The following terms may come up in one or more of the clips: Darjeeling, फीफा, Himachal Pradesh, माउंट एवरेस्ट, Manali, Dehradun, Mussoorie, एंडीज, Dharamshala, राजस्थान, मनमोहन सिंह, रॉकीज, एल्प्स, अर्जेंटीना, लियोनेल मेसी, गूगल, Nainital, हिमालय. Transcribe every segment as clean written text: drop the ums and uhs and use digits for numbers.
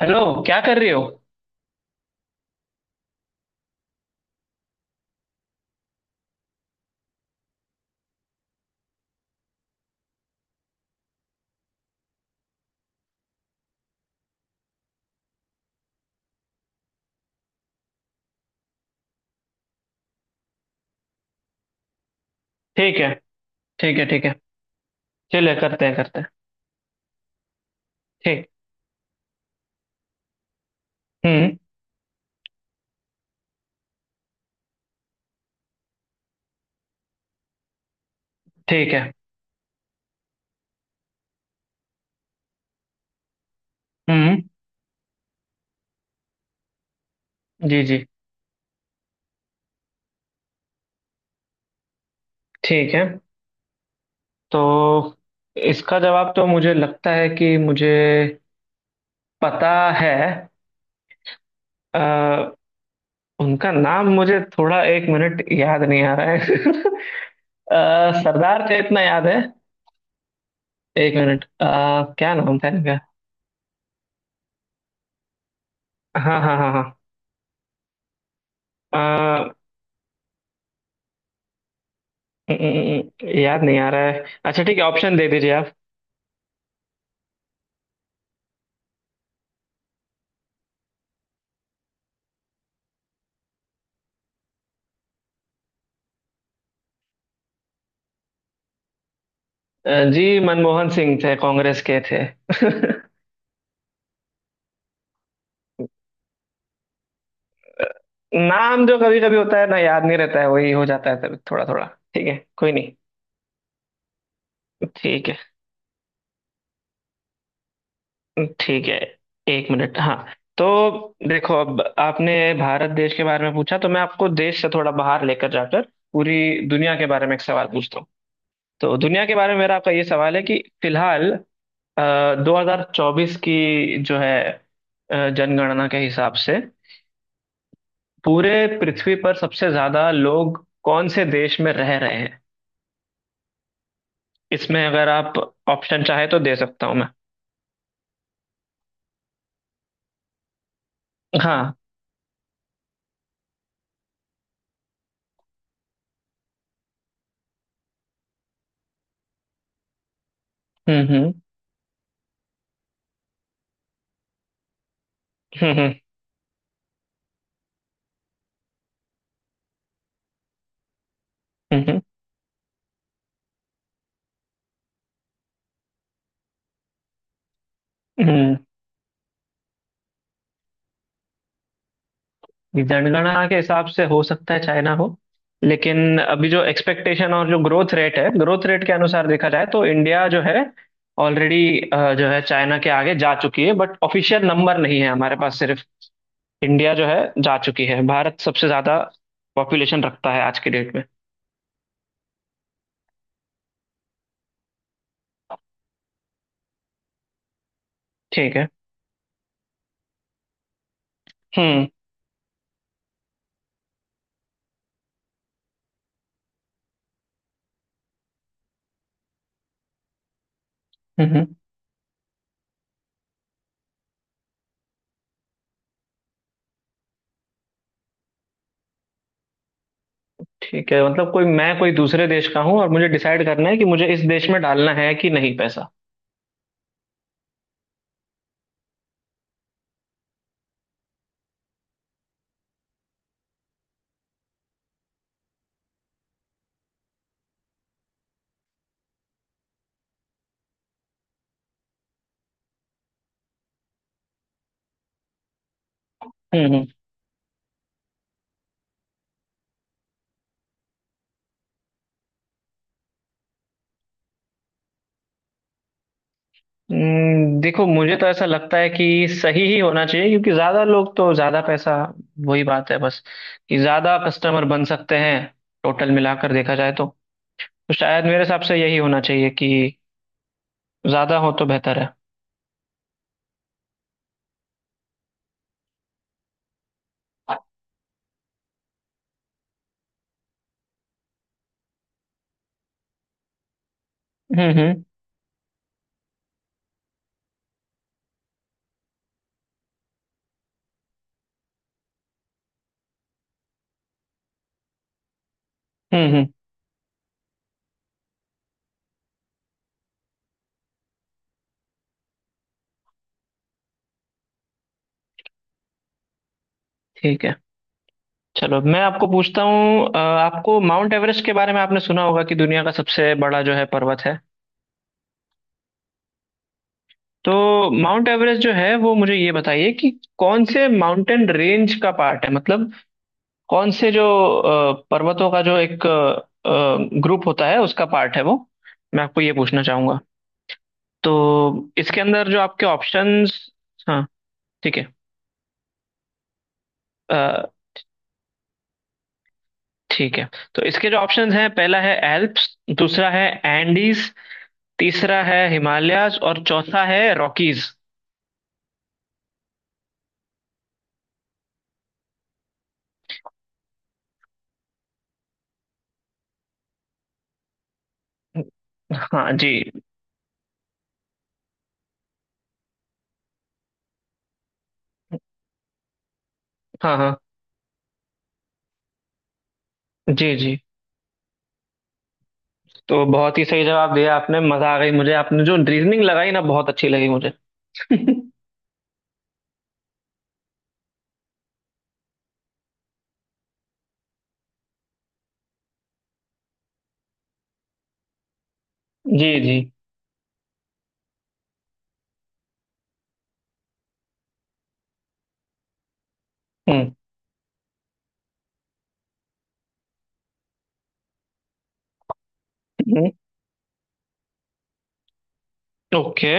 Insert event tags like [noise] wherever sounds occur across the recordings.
Hello. क्या कर रहे हो। ठीक है। ठीक है। ठीक है, चलिए करते हैं करते हैं। ठीक। हम्म। ठीक है। हम्म। जी जी। ठीक है। तो इसका जवाब तो मुझे लगता है कि मुझे पता है। अ, उनका नाम मुझे थोड़ा एक मिनट याद नहीं आ रहा है। [laughs] अ, सरदार का इतना याद है। एक मिनट, क्या नाम था इनका। हाँ हाँ हाँ हाँ। अ, याद नहीं आ रहा है। अच्छा ठीक है, ऑप्शन दे दीजिए। जी मनमोहन सिंह थे, कांग्रेस के थे। [laughs] नाम जो कभी कभी होता है ना याद नहीं रहता है वही हो जाता है, तभी थोड़ा थोड़ा। ठीक है, कोई नहीं। ठीक है ठीक है। एक मिनट हाँ। तो देखो, अब आपने भारत देश के बारे में पूछा तो मैं आपको देश से थोड़ा बाहर लेकर जाकर पूरी दुनिया के बारे में एक सवाल पूछता हूँ। तो दुनिया के बारे में मेरा आपका ये सवाल है कि फिलहाल 2024 की जो है जनगणना के हिसाब से पूरे पृथ्वी पर सबसे ज्यादा लोग कौन से देश में रह रहे हैं। इसमें अगर आप ऑप्शन चाहे तो दे सकता हूं मैं। हाँ। हम्म। हम्म। हम्म हम्म, हम्म, हम्म। जनगणना के हिसाब से हो सकता है चाइना हो, लेकिन अभी जो एक्सपेक्टेशन और जो ग्रोथ रेट है, ग्रोथ रेट के अनुसार देखा जाए तो इंडिया जो है ऑलरेडी जो है चाइना के आगे जा चुकी है। बट ऑफिशियल नंबर नहीं है हमारे पास। सिर्फ इंडिया जो है जा चुकी है। भारत सबसे ज्यादा पॉपुलेशन रखता है आज के डेट में। ठीक है। हम्म हम्म। हम्म। ठीक है, मतलब कोई मैं कोई दूसरे देश का हूँ और मुझे डिसाइड करना है कि मुझे इस देश में डालना है कि नहीं पैसा। हम्म। देखो मुझे तो ऐसा लगता है कि सही ही होना चाहिए, क्योंकि ज्यादा लोग तो ज्यादा पैसा। वही बात है बस, कि ज्यादा कस्टमर बन सकते हैं। टोटल मिलाकर देखा जाए तो शायद मेरे हिसाब से यही होना चाहिए कि ज्यादा हो तो बेहतर है। हम्म। हम्म हम्म, ठीक है। चलो मैं आपको पूछता हूँ, आपको माउंट एवरेस्ट के बारे में आपने सुना होगा कि दुनिया का सबसे बड़ा जो है पर्वत है। तो माउंट एवरेस्ट जो है वो मुझे ये बताइए कि कौन से माउंटेन रेंज का पार्ट है, मतलब कौन से पर्वतों का जो एक ग्रुप होता है उसका पार्ट है वो। मैं आपको ये पूछना चाहूंगा। तो इसके अंदर जो आपके ऑप्शंस। हाँ। ठीक है। अ, ठीक है, तो इसके जो ऑप्शंस हैं, पहला है एल्प्स, दूसरा है एंडीज, तीसरा है हिमालयाज और चौथा है रॉकीज। हाँ जी। हाँ हाँ। जी जी। तो बहुत ही सही जवाब दिया आपने, मजा आ गई मुझे। आपने जो रीजनिंग लगाई ना, बहुत अच्छी लगी मुझे। [laughs] जी जी। हम्म। ओके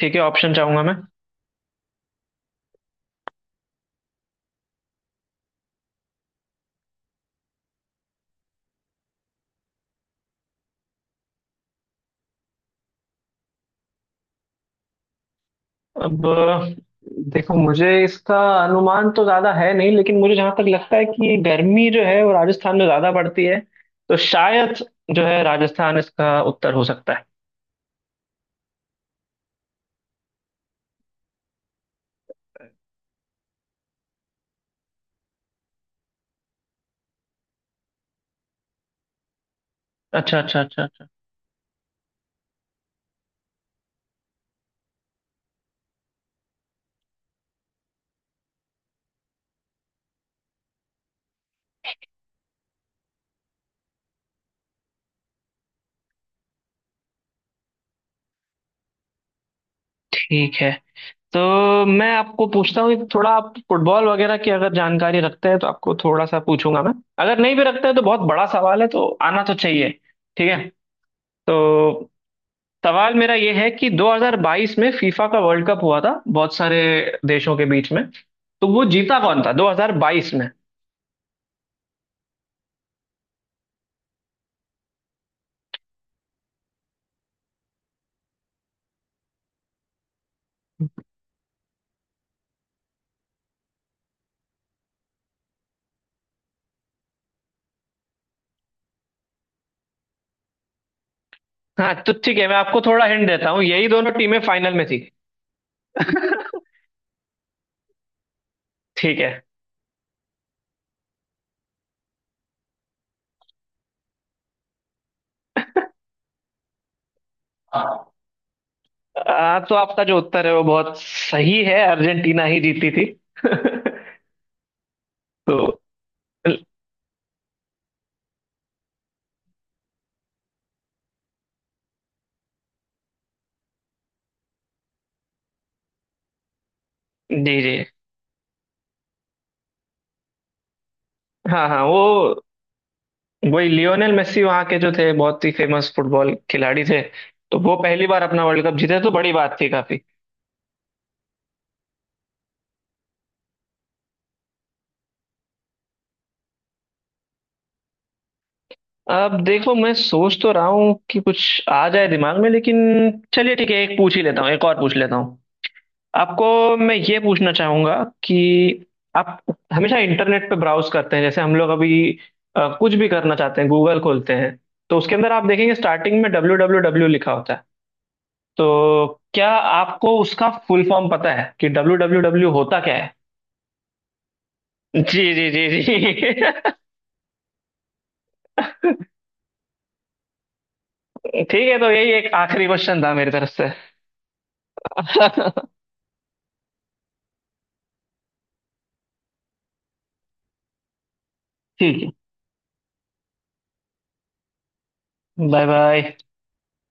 ठीक है, ऑप्शन चाहूंगा मैं। अब देखो, मुझे इसका अनुमान तो ज्यादा है नहीं, लेकिन मुझे जहां तक लगता है कि गर्मी जो है वो राजस्थान में ज्यादा पड़ती है, तो शायद जो है राजस्थान इसका उत्तर हो सकता है। अच्छा अच्छा अच्छा अच्छा। ठीक है। तो मैं आपको पूछता हूँ, थोड़ा आप फुटबॉल वगैरह की अगर जानकारी रखते हैं तो आपको थोड़ा सा पूछूंगा मैं। अगर नहीं भी रखते हैं तो बहुत बड़ा सवाल है, तो आना तो चाहिए। ठीक है। तो सवाल मेरा ये है कि 2022 में फीफा का वर्ल्ड कप हुआ था बहुत सारे देशों के बीच में। तो वो जीता कौन था 2022 में। हाँ तो ठीक है, मैं आपको थोड़ा हिंट देता हूँ, यही दोनों टीमें फाइनल में थी। ठीक है। आ, तो आपका जो उत्तर है वो बहुत सही है, अर्जेंटीना ही जीती थी। [laughs] तो जी जी। हाँ हाँ, वो वही लियोनेल मेसी वहाँ के जो थे, बहुत ही फेमस फुटबॉल खिलाड़ी थे। तो वो पहली बार अपना वर्ल्ड कप जीते तो बड़ी बात थी काफी। अब देखो, मैं सोच तो रहा हूँ कि कुछ आ जाए दिमाग में, लेकिन चलिए ठीक है, एक पूछ ही लेता हूँ, एक और पूछ लेता हूँ आपको। मैं ये पूछना चाहूंगा कि आप हमेशा इंटरनेट पे ब्राउज करते हैं, जैसे हम लोग अभी कुछ भी करना चाहते हैं गूगल खोलते हैं, तो उसके अंदर आप देखेंगे स्टार्टिंग में डब्ल्यू डब्ल्यू डब्ल्यू लिखा होता है। तो क्या आपको उसका फुल फॉर्म पता है कि डब्ल्यू डब्ल्यू डब्ल्यू होता क्या है। जी जी जी जी। [laughs] ठीक है, तो यही एक आखिरी क्वेश्चन था मेरी तरफ से। [laughs] ठीक है, बाय बाय।